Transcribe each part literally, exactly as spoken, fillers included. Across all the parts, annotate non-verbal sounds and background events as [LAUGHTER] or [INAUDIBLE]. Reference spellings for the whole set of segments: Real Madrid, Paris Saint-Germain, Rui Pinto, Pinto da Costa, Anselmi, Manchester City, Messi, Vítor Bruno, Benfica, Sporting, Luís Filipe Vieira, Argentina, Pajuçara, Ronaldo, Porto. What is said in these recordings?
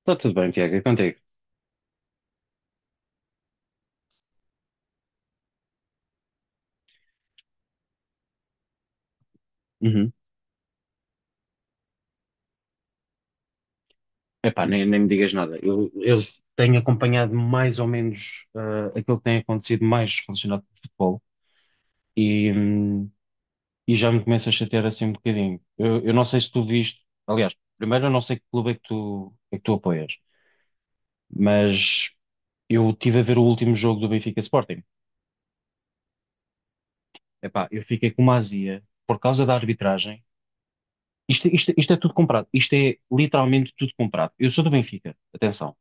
Está tudo bem, Tiago, é contigo. Uhum. Epá, nem, nem me digas nada. Eu, eu tenho acompanhado mais ou menos ah, aquilo que tem acontecido mais relacionado com o futebol e, hum, e já me começa a chatear assim um bocadinho. Eu, eu não sei se tu viste. Aliás, primeiro eu não sei que clube é que tu, é que tu apoias, mas eu estive a ver o último jogo do Benfica Sporting. Epá, eu fiquei com uma azia por causa da arbitragem. Isto, isto, isto é tudo comprado. Isto é literalmente tudo comprado. Eu sou do Benfica, atenção.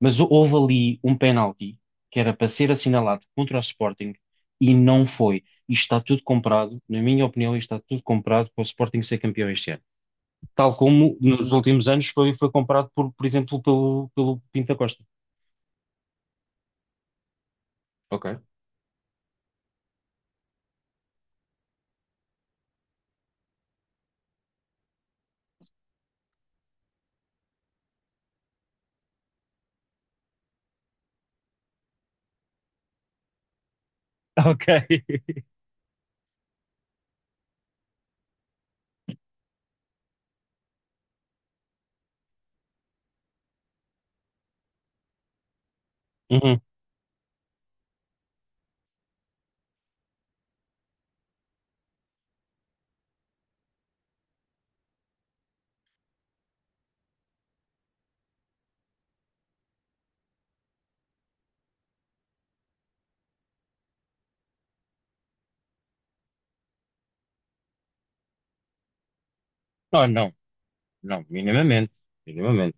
Mas houve ali um penalti que era para ser assinalado contra o Sporting e não foi. Isto está tudo comprado, na minha opinião, isto está tudo comprado para o Sporting ser campeão este ano. Tal como nos últimos anos foi, foi comprado, por, por exemplo, pelo, pelo Pinto da Costa. Ok. [LAUGHS] Ok. Uhum. Oh, não, não, minimamente, minimamente.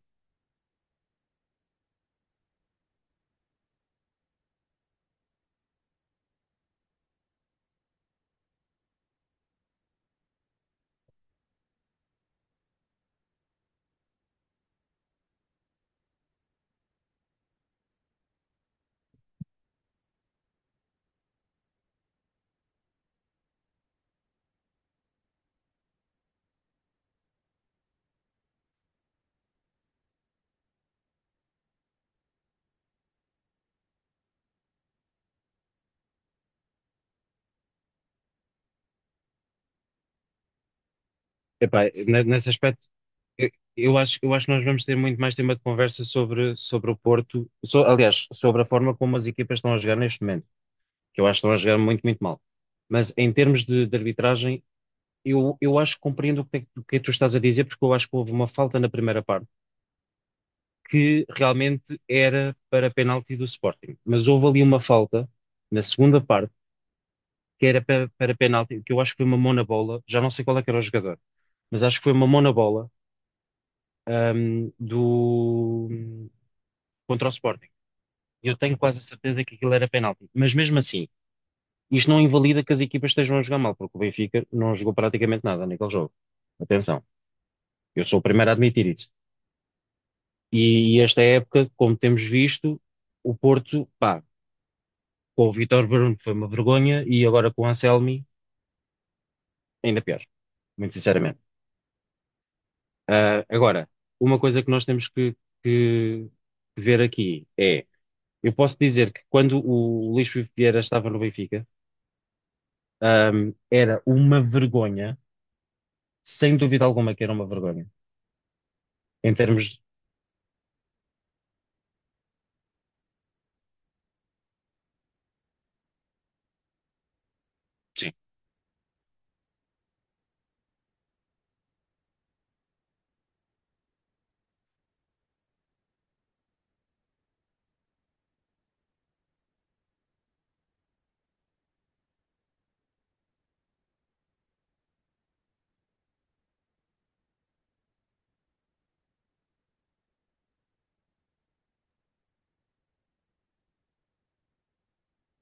Epá, ne- nesse aspecto, eu, eu acho, eu acho que nós vamos ter muito mais tema de conversa sobre, sobre o Porto, so- aliás, sobre a forma como as equipas estão a jogar neste momento, que eu acho que estão a jogar muito, muito mal. Mas em termos de, de arbitragem, eu, eu acho que compreendo o que, é que- o que é que tu estás a dizer, porque eu acho que houve uma falta na primeira parte que realmente era para penalti do Sporting. Mas houve ali uma falta na segunda parte que era para, para penalti, que eu acho que foi uma mão na bola, já não sei qual é que era o jogador, mas acho que foi uma mão na bola ahm, do, contra o Sporting. Eu tenho quase a certeza que aquilo era penalti. Mas mesmo assim, isto não invalida que as equipas estejam a jogar mal, porque o Benfica não jogou praticamente nada naquele jogo. Atenção, eu sou o primeiro a admitir isso. E, e esta época, como temos visto, o Porto, pá, com o Vítor Bruno foi uma vergonha e agora com o Anselmi, ainda pior, muito sinceramente. Ah, agora, uma coisa que nós temos que, que ver aqui é, eu posso dizer que quando o Luís Filipe Vieira estava no Benfica, ah, era uma vergonha, sem dúvida alguma que era uma vergonha, em termos. Sim.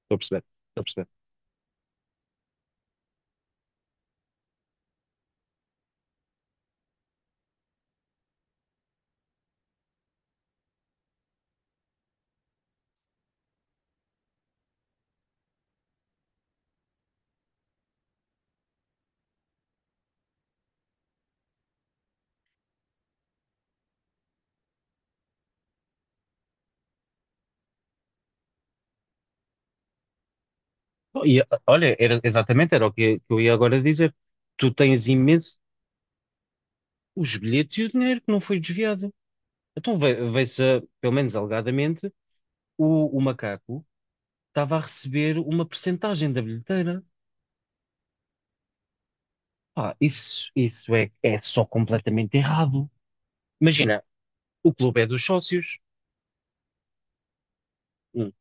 Estou a perceber, estou a perceber. Bom, e, olha, era, exatamente era o que, que eu ia agora dizer. Tu tens imenso os bilhetes e o dinheiro que não foi desviado. Então vê- vê-se, ah, pelo menos alegadamente, o, o macaco estava a receber uma percentagem da bilheteira. Pá, isso, isso é, é só completamente errado. Imagina, o clube é dos sócios. Hum,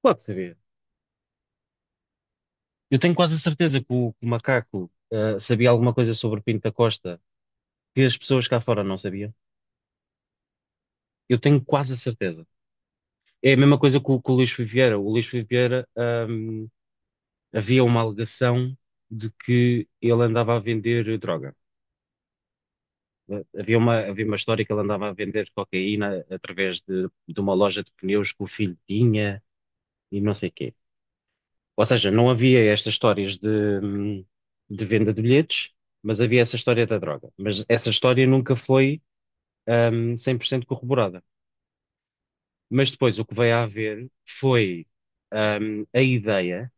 claro que sabia. Eu tenho quase a certeza que o, que o macaco, ah, sabia alguma coisa sobre o Pinto da Costa que as pessoas cá fora não sabiam. Eu tenho quase a certeza. É a mesma coisa com, com o Luís Filipe Vieira. O Luís Filipe Vieira, hum, havia uma alegação de que ele andava a vender droga. Havia uma, havia uma história que ele andava a vender cocaína através de, de uma loja de pneus que o filho tinha e não sei quê. Ou seja, não havia estas histórias de, hum, de venda de bilhetes, mas havia essa história da droga. Mas essa história nunca foi, hum, cem por cento corroborada. Mas depois o que veio a haver foi, hum, a ideia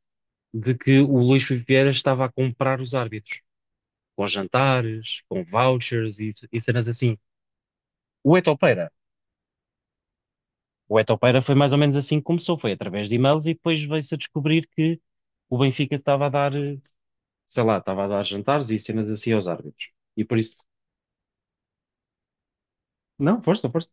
de que o Luís Filipe Vieira estava a comprar os árbitros, com jantares, com vouchers e, e cenas assim. O Etopeira, o Etopeira foi mais ou menos assim que começou, foi através de e-mails e depois veio-se a descobrir que o Benfica estava a dar, eh, sei lá, estava a dar jantares e cenas assim aos árbitros. E por isso, não, força, força.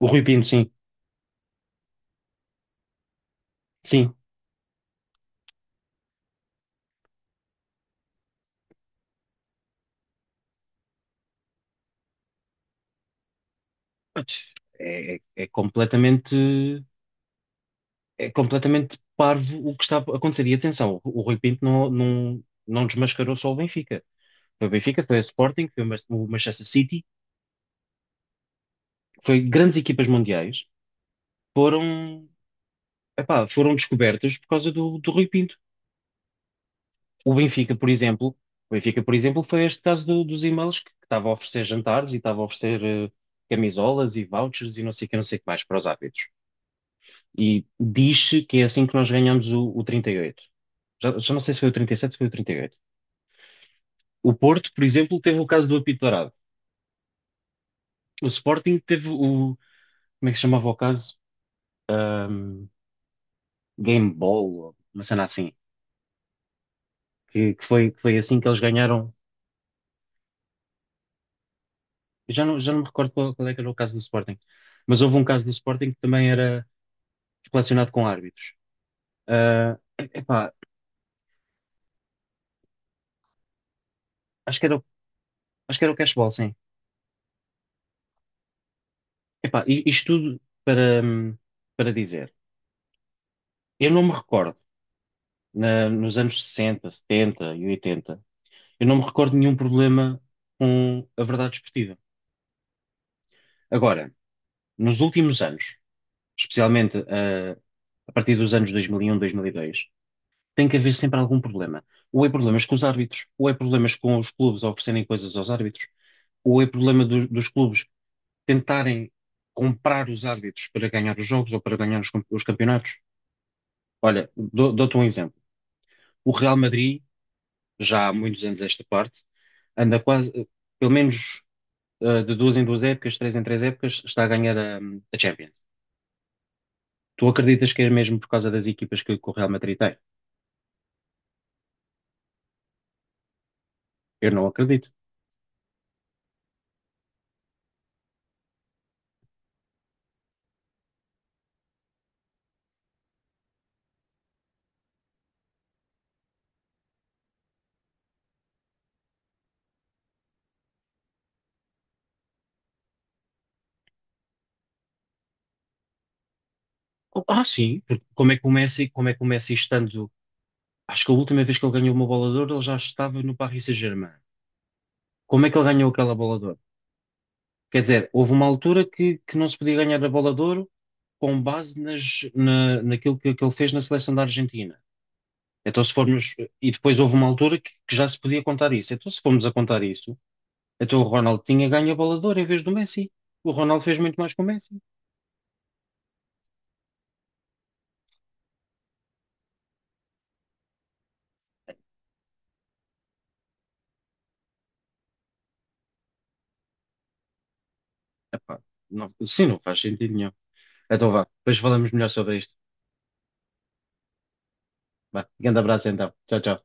O Rui Pinto, sim, sim. Mas é, é- é completamente, é completamente parvo o que está a acontecer. E atenção, o Rui Pinto não, não, não desmascarou só o Benfica. Foi o Benfica, foi o Sporting, foi o Mas- o Manchester City, foi grandes equipas mundiais, foram, epá, foram descobertas por causa do, do Rui Pinto. O Benfica, por exemplo, o Benfica, por exemplo, foi este caso do- dos e-mails que que estava a oferecer jantares e estava a oferecer eh, camisolas e vouchers e não sei o que, não sei o que mais para os árbitros. E diz-se que é assim que nós ganhamos o, o trinta e oito. Já, já não sei se foi o trinta e sete ou foi o trinta e oito. O Porto, por exemplo, teve o caso do apito dourado. O Sporting teve o, como é que se chamava o caso? Game Ball, uma cena assim, que, que foi, que foi assim que eles ganharam. Eu Já não, já não me recordo qual, qual é que era o caso do Sporting, mas houve um caso do Sporting que também era relacionado com árbitros. Ah, epá, acho que era, o- acho que era o Cashball, sim. Epá, i- isto tudo para, hum, para dizer, eu não me recordo, na- nos anos sessenta setenta e oitenta eu não me recordo de nenhum problema com a verdade esportiva. Agora, nos últimos anos, especialmente ah, a partir dos anos dois mil e um, dois mil e dois, tem que haver sempre algum problema. Ou é problemas com os árbitros, ou é problemas com os clubes a oferecerem coisas aos árbitros, ou é problema do- dos clubes tentarem comprar os árbitros para ganhar os jogos ou para ganhar os, cam- os campeonatos. Olha, dou- dou-te um exemplo. O Real Madrid, já há muitos anos a esta parte, anda quase, eh, pelo menos eh, de duas em duas épocas, três em três épocas, está a ganhar a, a Champions. Tu acreditas que é mesmo por causa das equipas que que o Real Madrid tem? Eu não acredito. Oh, ah, sim, porque como é que o Messi, como é que o Messi estando. Acho que a última vez que ele ganhou uma bola de ouro, ele já estava no Paris Saint-Germain. Como é que ele ganhou aquela bola de ouro? Quer dizer, houve uma altura que, que não se podia ganhar a bola de ouro com base nas- na, naquilo que, que ele fez na seleção da Argentina. Então, se formos. E depois houve uma altura que, que já se podia contar isso. Então, se formos a contar isso, então o Ronaldo tinha ganho a bola de ouro em vez do Messi. O Ronaldo fez muito mais que o Messi. Epá, não, sim, não faz sentido nenhum. Então, vá, depois falamos melhor sobre isto. Vá, grande abraço então. Tchau, tchau.